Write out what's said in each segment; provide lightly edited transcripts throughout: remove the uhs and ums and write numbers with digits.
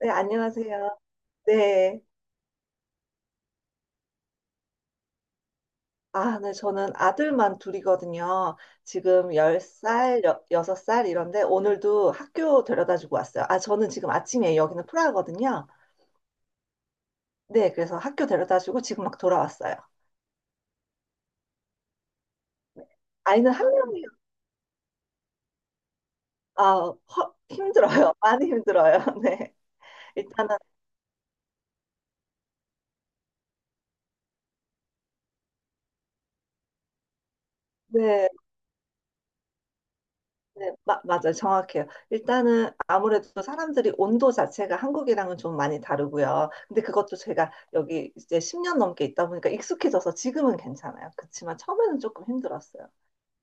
네, 안녕하세요. 네. 아, 네, 저는 아들만 둘이거든요. 지금 10살, 6살 이런데 오늘도 학교 데려다 주고 왔어요. 아, 저는 지금 아침에 여기는 프라하거든요. 네, 그래서 학교 데려다 주고 지금 막 돌아왔어요. 네. 아이는 1명이요. 아, 힘들어요. 많이 힘들어요. 네. 일단은, 네. 네, 맞아요. 정확해요. 일단은 아무래도 사람들이 온도 자체가 한국이랑은 좀 많이 다르고요. 근데 그것도 제가 여기 이제 10년 넘게 있다 보니까 익숙해져서 지금은 괜찮아요. 그렇지만 처음에는 조금 힘들었어요.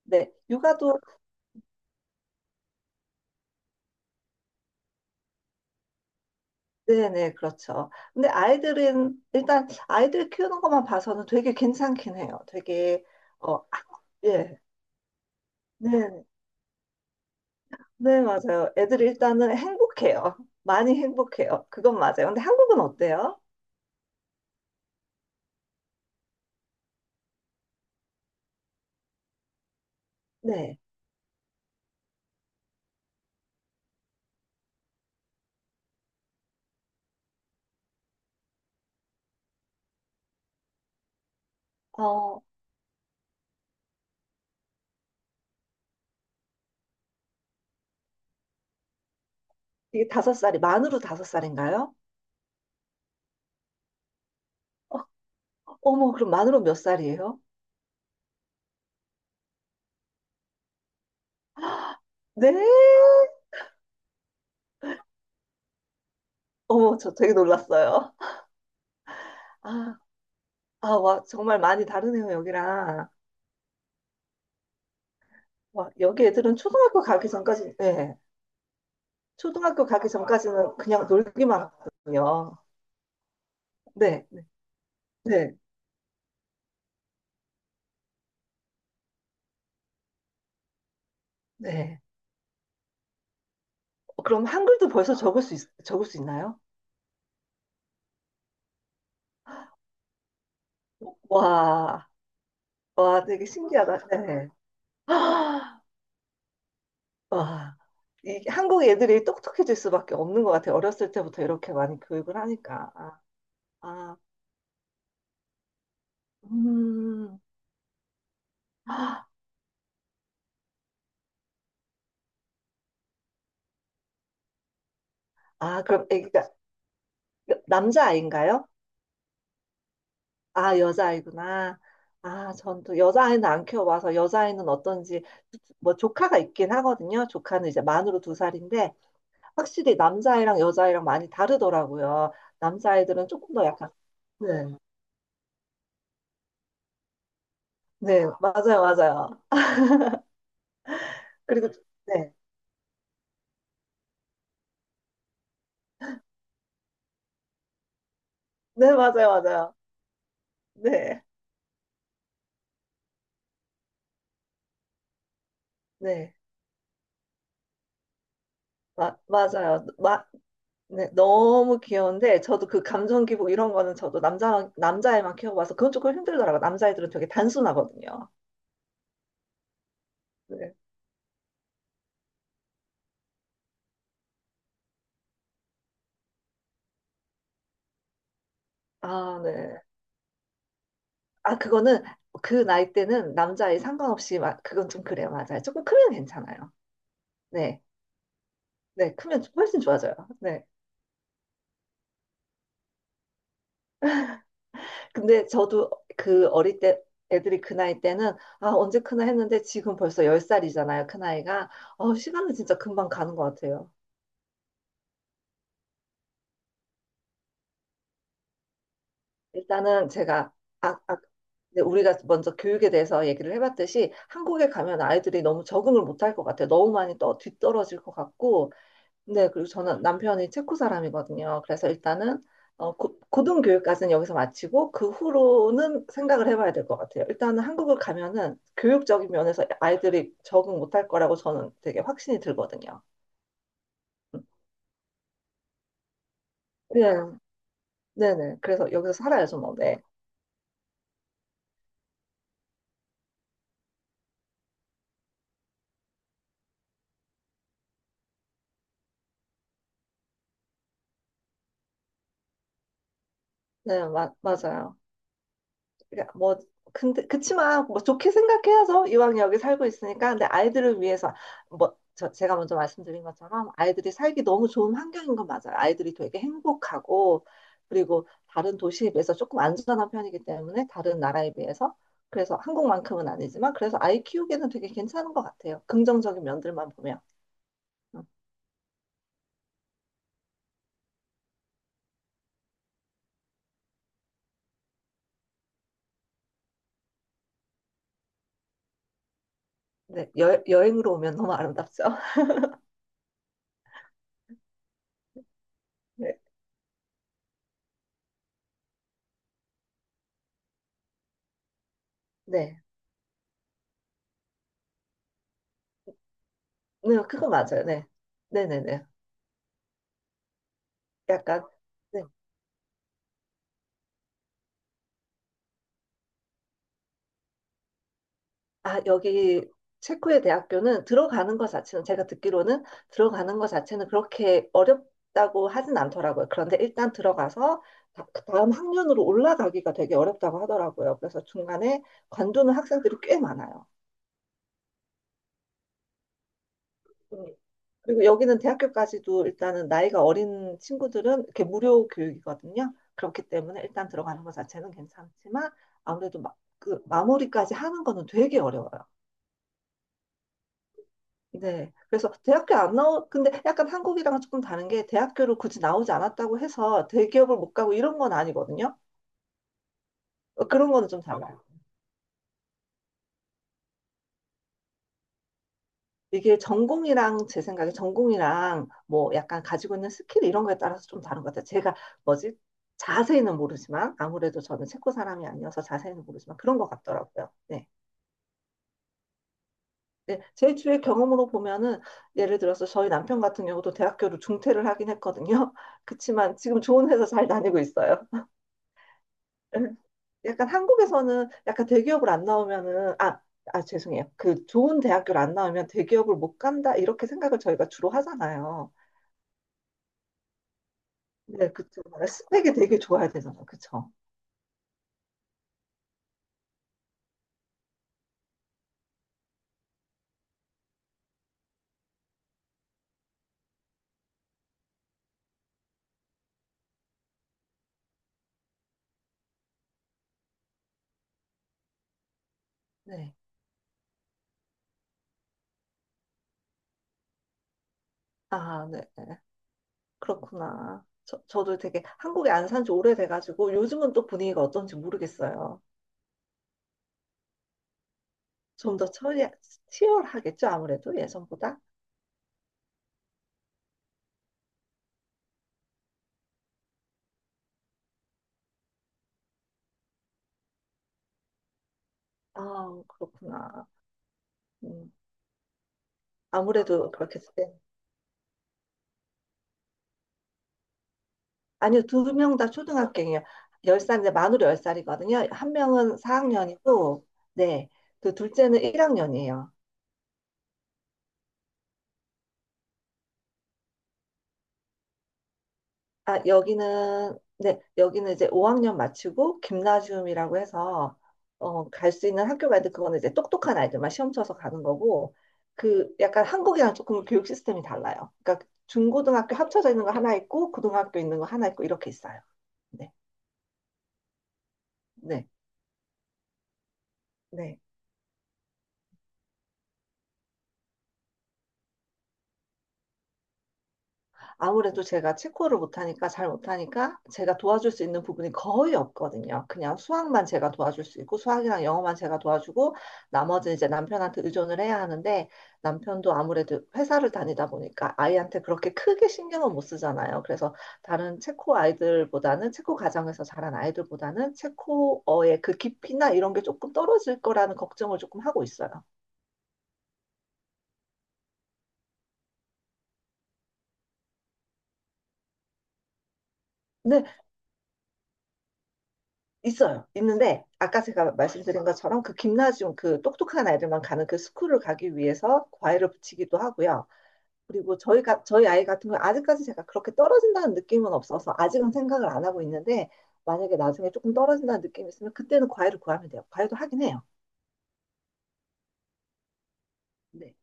네, 육아도, 네네, 그렇죠. 근데 아이들은, 일단 아이들 키우는 것만 봐서는 되게 괜찮긴 해요. 되게, 어, 아, 예, 네, 네, 맞아요. 애들이 일단은 행복해요. 많이 행복해요. 그건 맞아요. 근데 한국은 어때요? 네. 어, 이게 5살이, 만으로 5살인가요? 어머, 그럼 만으로 몇 살이에요? 네? 어머, 저 되게 놀랐어요. 아, 아, 와, 정말 많이 다르네요, 여기랑. 와, 여기 애들은 초등학교 가기 전까지, 네. 초등학교 가기 전까지는 그냥 놀기만 하거든요. 네, 네, 네. 네. 그럼 한글도 벌써 적을 수 있나요? 와, 와, 되게 신기하다. 네. 와, 이 한국 애들이 똑똑해질 수밖에 없는 것 같아요. 어렸을 때부터 이렇게 많이 교육을 하니까. 아, 아, 음. 아, 그럼 애기가 남자아이인가요? 아, 여자아이구나. 아, 전 또 여자아이는 안 키워봐서 여자아이는 어떤지 뭐 조카가 있긴 하거든요. 조카는 이제 만으로 2살인데 확실히 남자아이랑 여자아이랑 많이 다르더라고요. 남자아이들은 조금 더 약간 네, 네, 맞아요, 맞아요. 그리고 네, 네, 맞아요, 맞아요. 네, 네. 맞아요. 네, 너무 귀여운데 저도 그 감정 기복 이런 거는 저도 남자애만 키워봐서 그건 조금 힘들더라고요. 남자애들은 되게 단순하거든요. 네. 아, 네. 아, 그거는 그 나이 때는 남자애 상관없이 막 그건 좀 그래요. 맞아요. 조금 크면 괜찮아요. 네. 네, 크면 훨씬 좋아져요. 네. 근데 저도 그 어릴 때 애들이 그 나이 때는 아, 언제 크나 했는데 지금 벌써 10살이잖아요. 그 나이가. 시간은 진짜 금방 가는 것 같아요. 일단은 제가 아, 아, 이제 우리가 먼저 교육에 대해서 얘기를 해봤듯이 한국에 가면 아이들이 너무 적응을 못할 것 같아요. 너무 많이 또 뒤떨어질 것 같고. 네, 그리고 저는 남편이 체코 사람이거든요. 그래서 일단은 고등교육까지는 여기서 마치고 그 후로는 생각을 해봐야 될 것 같아요. 일단은 한국을 가면은 교육적인 면에서 아이들이 적응 못할 거라고 저는 되게 확신이 들거든요. 네, 네네. 그래서 여기서 살아야죠, 뭐. 네, 네, 맞아요. 그러니까 뭐 근데 그치만 뭐 좋게 생각해야죠. 이왕 여기 살고 있으니까. 근데 아이들을 위해서 뭐 제가 먼저 말씀드린 것처럼 아이들이 살기 너무 좋은 환경인 건 맞아요. 아이들이 되게 행복하고 그리고 다른 도시에 비해서 조금 안전한 편이기 때문에 다른 나라에 비해서 그래서 한국만큼은 아니지만 그래서 아이 키우기에는 되게 괜찮은 것 같아요. 긍정적인 면들만 보면. 음, 네, 여행으로 오면 너무 아름답죠. 네, 네, 네, 그거 맞아요. 네, 네, 네, 네. 약간 네. 아, 여기 체코의 대학교는 들어가는 것 자체는 제가 듣기로는 들어가는 것 자체는 그렇게 어렵다고 하진 않더라고요. 그런데 일단 들어가서 그 다음 학년으로 올라가기가 되게 어렵다고 하더라고요. 그래서 중간에 관두는 학생들이 꽤 많아요. 음. 그리고 여기는 대학교까지도 일단은 나이가 어린 친구들은 이렇게 무료 교육이거든요. 그렇기 때문에 일단 들어가는 것 자체는 괜찮지만 아무래도 그 마무리까지 하는 거는 되게 어려워요. 네. 그래서 대학교 안 나오, 근데 약간 한국이랑은 조금 다른 게 대학교를 굳이 나오지 않았다고 해서 대기업을 못 가고 이런 건 아니거든요. 그런 거는 좀 달라요. 이게 전공이랑 제 생각에 전공이랑 뭐 약간 가지고 있는 스킬 이런 거에 따라서 좀 다른 것 같아요. 제가 뭐지? 자세히는 모르지만 아무래도 저는 체코 사람이 아니어서 자세히는 모르지만 그런 것 같더라고요. 네. 네, 제 주위의 경험으로 보면은 예를 들어서 저희 남편 같은 경우도 대학교를 중퇴를 하긴 했거든요. 그치만 지금 좋은 회사 잘 다니고 있어요. 약간 한국에서는 약간 대기업을 안 나오면은 아, 아 죄송해요. 그 좋은 대학교를 안 나오면 대기업을 못 간다 이렇게 생각을 저희가 주로 하잖아요. 네, 그쵸. 네, 스펙이 되게 좋아야 되잖아요. 그쵸. 네. 아, 네. 네. 그렇구나. 저도 되게 한국에 안 산지 오래돼가지고 요즘은 또 분위기가 어떤지 모르겠어요. 좀 더 치열하겠죠, 아무래도 예전보다. 아, 그렇구나. 음, 아무래도 그렇겠어요. 아니요, 2명 다 초등학생이에요. 10살인데 만으로 열살이거든요한 명은 4학년이고, 네, 그 둘째는 1학년이에요. 아, 여기는, 네, 여기는 이제 5학년 마치고, 김나지움이라고 해서, 갈 수 있는 학교가 있는데, 그거는 이제 똑똑한 아이들만 시험 쳐서 가는 거고, 그 약간 한국이랑 조금 교육 시스템이 달라요. 그러니까 중고등학교 합쳐져 있는 거 하나 있고, 고등학교 있는 거 하나 있고, 이렇게 있어요. 네, 네, 네. 아무래도 제가 체코를 못하니까 잘 못하니까 제가 도와줄 수 있는 부분이 거의 없거든요. 그냥 수학만 제가 도와줄 수 있고 수학이랑 영어만 제가 도와주고 나머지는 이제 남편한테 의존을 해야 하는데 남편도 아무래도 회사를 다니다 보니까 아이한테 그렇게 크게 신경을 못 쓰잖아요. 그래서 다른 체코 아이들보다는 체코 가정에서 자란 아이들보다는 체코어의 그 깊이나 이런 게 조금 떨어질 거라는 걱정을 조금 하고 있어요. 네, 있어요. 있는데 아까 제가 말씀드린 것처럼 그 김나지움 그 똑똑한 아이들만 가는 그 스쿨을 가기 위해서 과외를 붙이기도 하고요. 그리고 저희 아이 같은 경우 아직까지 제가 그렇게 떨어진다는 느낌은 없어서 아직은 생각을 안 하고 있는데 만약에 나중에 조금 떨어진다는 느낌이 있으면 그때는 과외를 구하면 돼요. 과외도 하긴 해요. 네.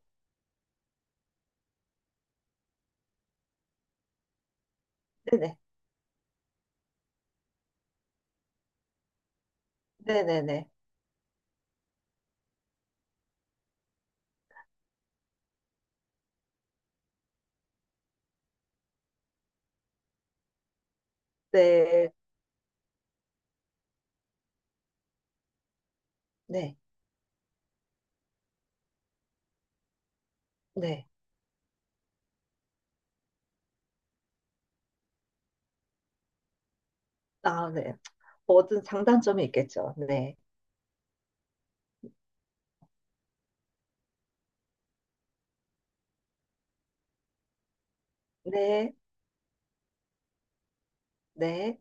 네네. 네네네. 네. 네. 네. 아, 네. 뭐든 장단점이 있겠죠. 네. 네. 네.